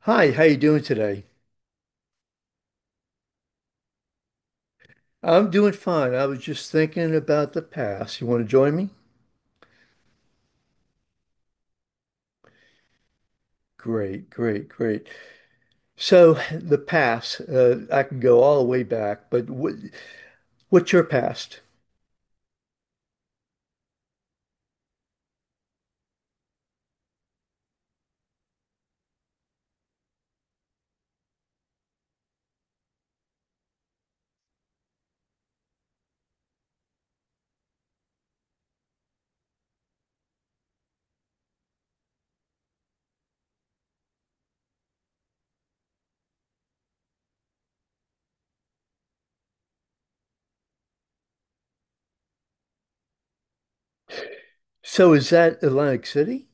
Hi, how you doing today? I'm doing fine. I was just thinking about the past. You want to join me? Great, great, great. So the past, I can go all the way back, but what's your past? So is that Atlantic City?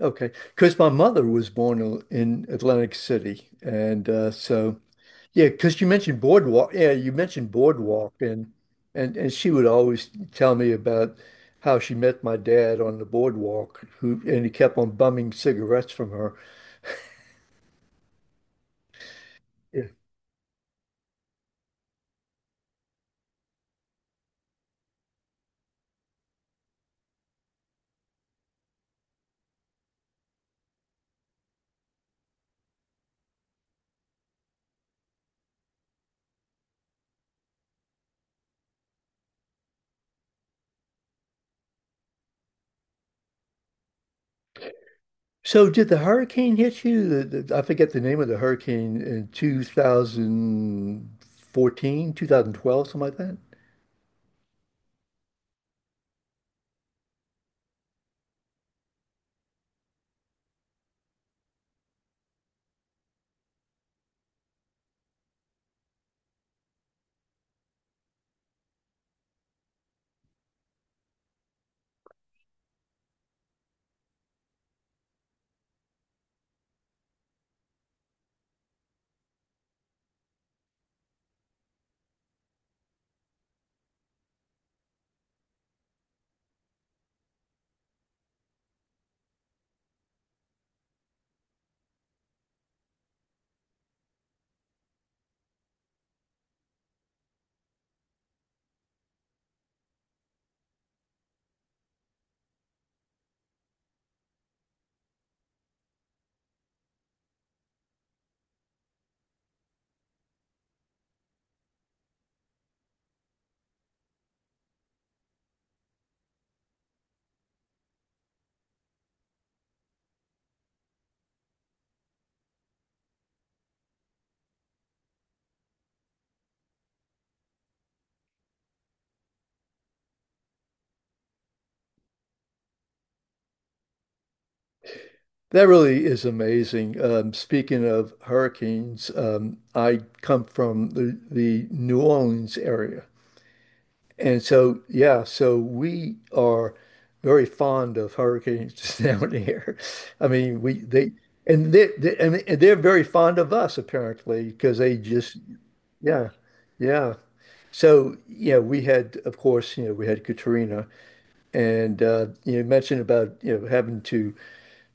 Okay, because my mother was born in Atlantic City, and so. Yeah, because you mentioned boardwalk. Yeah, you mentioned boardwalk, and she would always tell me about how she met my dad on the boardwalk, who and he kept on bumming cigarettes from her. Yeah. So did the hurricane hit you? I forget the name of the hurricane in 2014, 2012, something like that. That really is amazing. Speaking of hurricanes, I come from the New Orleans area. And so, yeah, so we are very fond of hurricanes down here. I mean, we they and they, they and they're very fond of us apparently because they just yeah, yeah. So yeah, we had of course you know we had Katrina and you mentioned about you know having to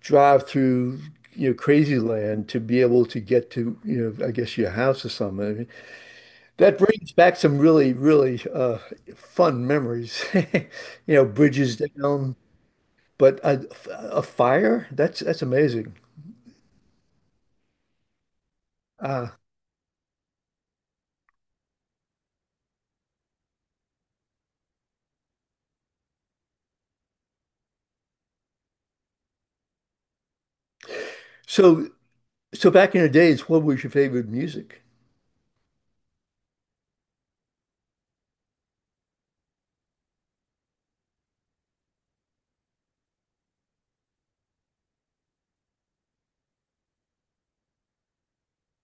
drive through you know crazy land to be able to get to you know I guess your house or something. That brings back some really, really fun memories. You know, bridges down, but a fire? That's amazing. Uh, so so back in the days, what was your favorite music?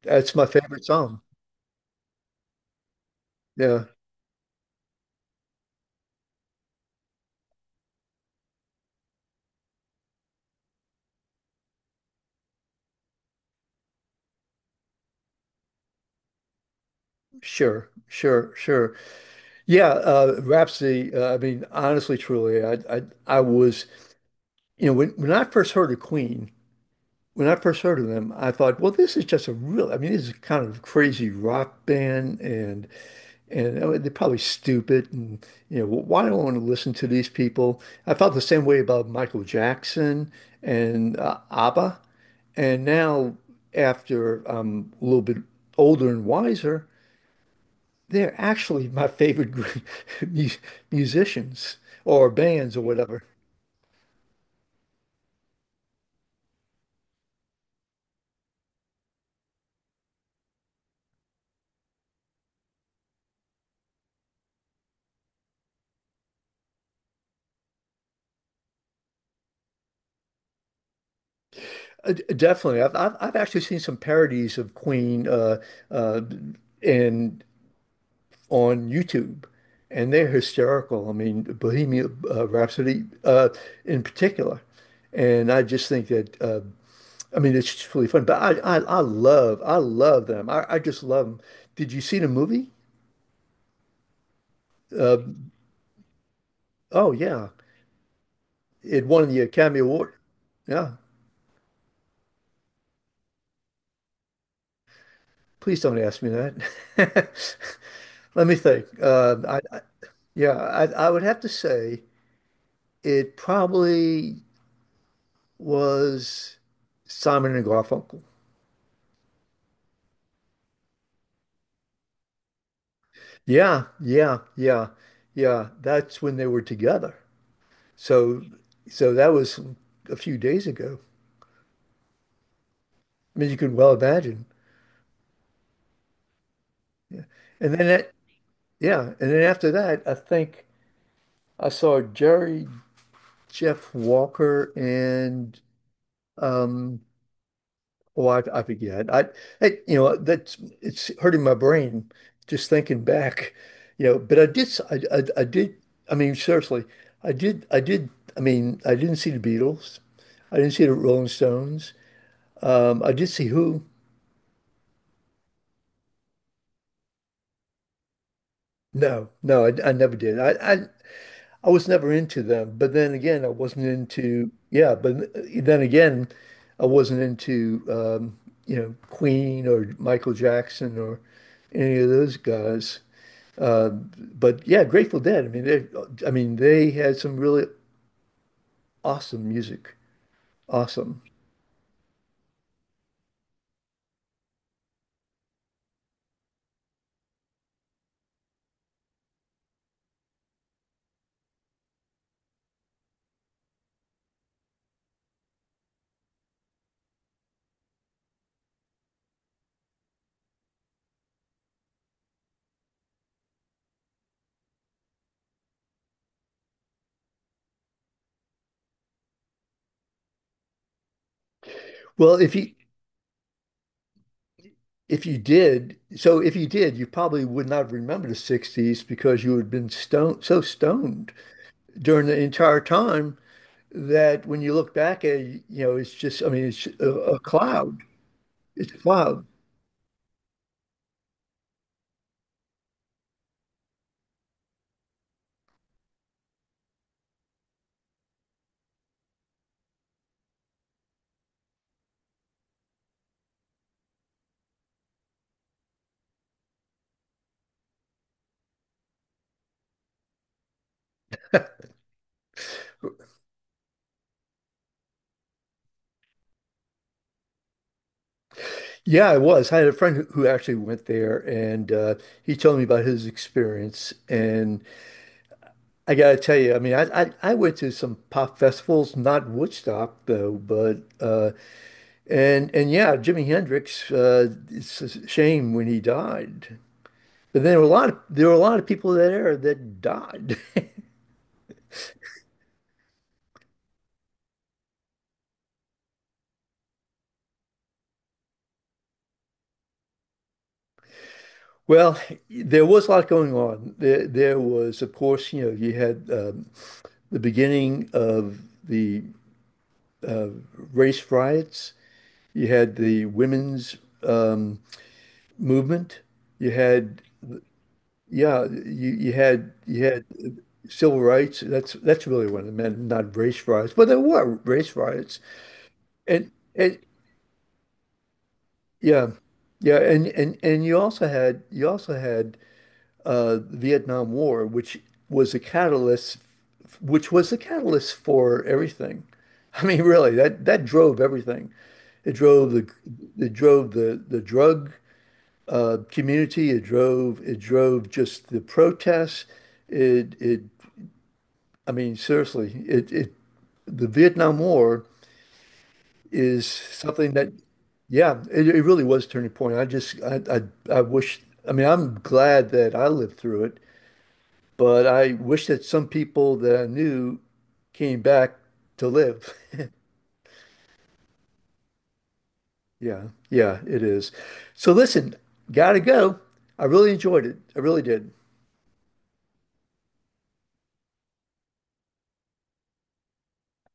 That's my favorite song. Yeah, sure, sure, sure. Yeah, Rhapsody. I mean, honestly, truly, I was you know when I first heard of Queen, when I first heard of them, I thought, well, this is just a real. I mean, this is kind of a crazy rock band and. And they're probably stupid. And, you know, why do I want to listen to these people? I felt the same way about Michael Jackson and ABBA. And now, after I'm a little bit older and wiser, they're actually my favorite group, mu- musicians or bands or whatever. Definitely. I've actually seen some parodies of Queen uh, and on YouTube, and they're hysterical. I mean, Bohemian Rhapsody in particular, and I just think that I mean it's just really fun. But I love I love them. I just love them. Did you see the movie? Oh yeah, it won the Academy Award. Yeah, please don't ask me that. Let me think. I yeah, I would have to say it probably was Simon and Garfunkel. Yeah, yeah, yeah, yeah. That's when they were together. So, so that was a few days ago. I mean, you can well imagine. Yeah. And then that, yeah. And then after that, I think I saw Jeff Walker, and um, Oh, I forget. You know, that's it's hurting my brain just thinking back, you know. But I did. I mean, seriously, I did. I mean, I didn't see the Beatles. I didn't see the Rolling Stones. I did see Who. No, no, I never did. I was never into them. But then again, I wasn't into. Yeah, but then again, I wasn't into, you know, Queen or Michael Jackson or any of those guys. Uh, but yeah, Grateful Dead. I mean, they had some really awesome music. Awesome. Well, if you did, you probably would not remember the 60s because you had been stoned so stoned during the entire time that when you look back at it, you know, it's just, I mean, a cloud. It's a cloud. Yeah, it was. I had a friend who actually went there and he told me about his experience and I gotta tell you, I mean, I went to some pop festivals, not Woodstock though, but and yeah, Jimi Hendrix. It's a shame when he died, but there were a lot of there were a lot of people there that died. Well, there was a lot going on. There was, of course, you know, you had the beginning of the race riots. You had the women's um, movement. You had yeah, you had you had. Civil rights. That's really what it meant, not race riots. But there were race riots, and yeah, yeah, and you also had Vietnam War, was a catalyst, which was the catalyst for everything. I mean, really, that drove everything. It drove the it drove the drug community. It drove just the protests. It I mean, seriously, it The Vietnam War is something yeah, it really was a turning point. I wish, I mean, I'm glad that I lived through it, but I wish that some people that I knew came back to live. Yeah, yeah, it is. So listen, gotta go. I really enjoyed it. I really did.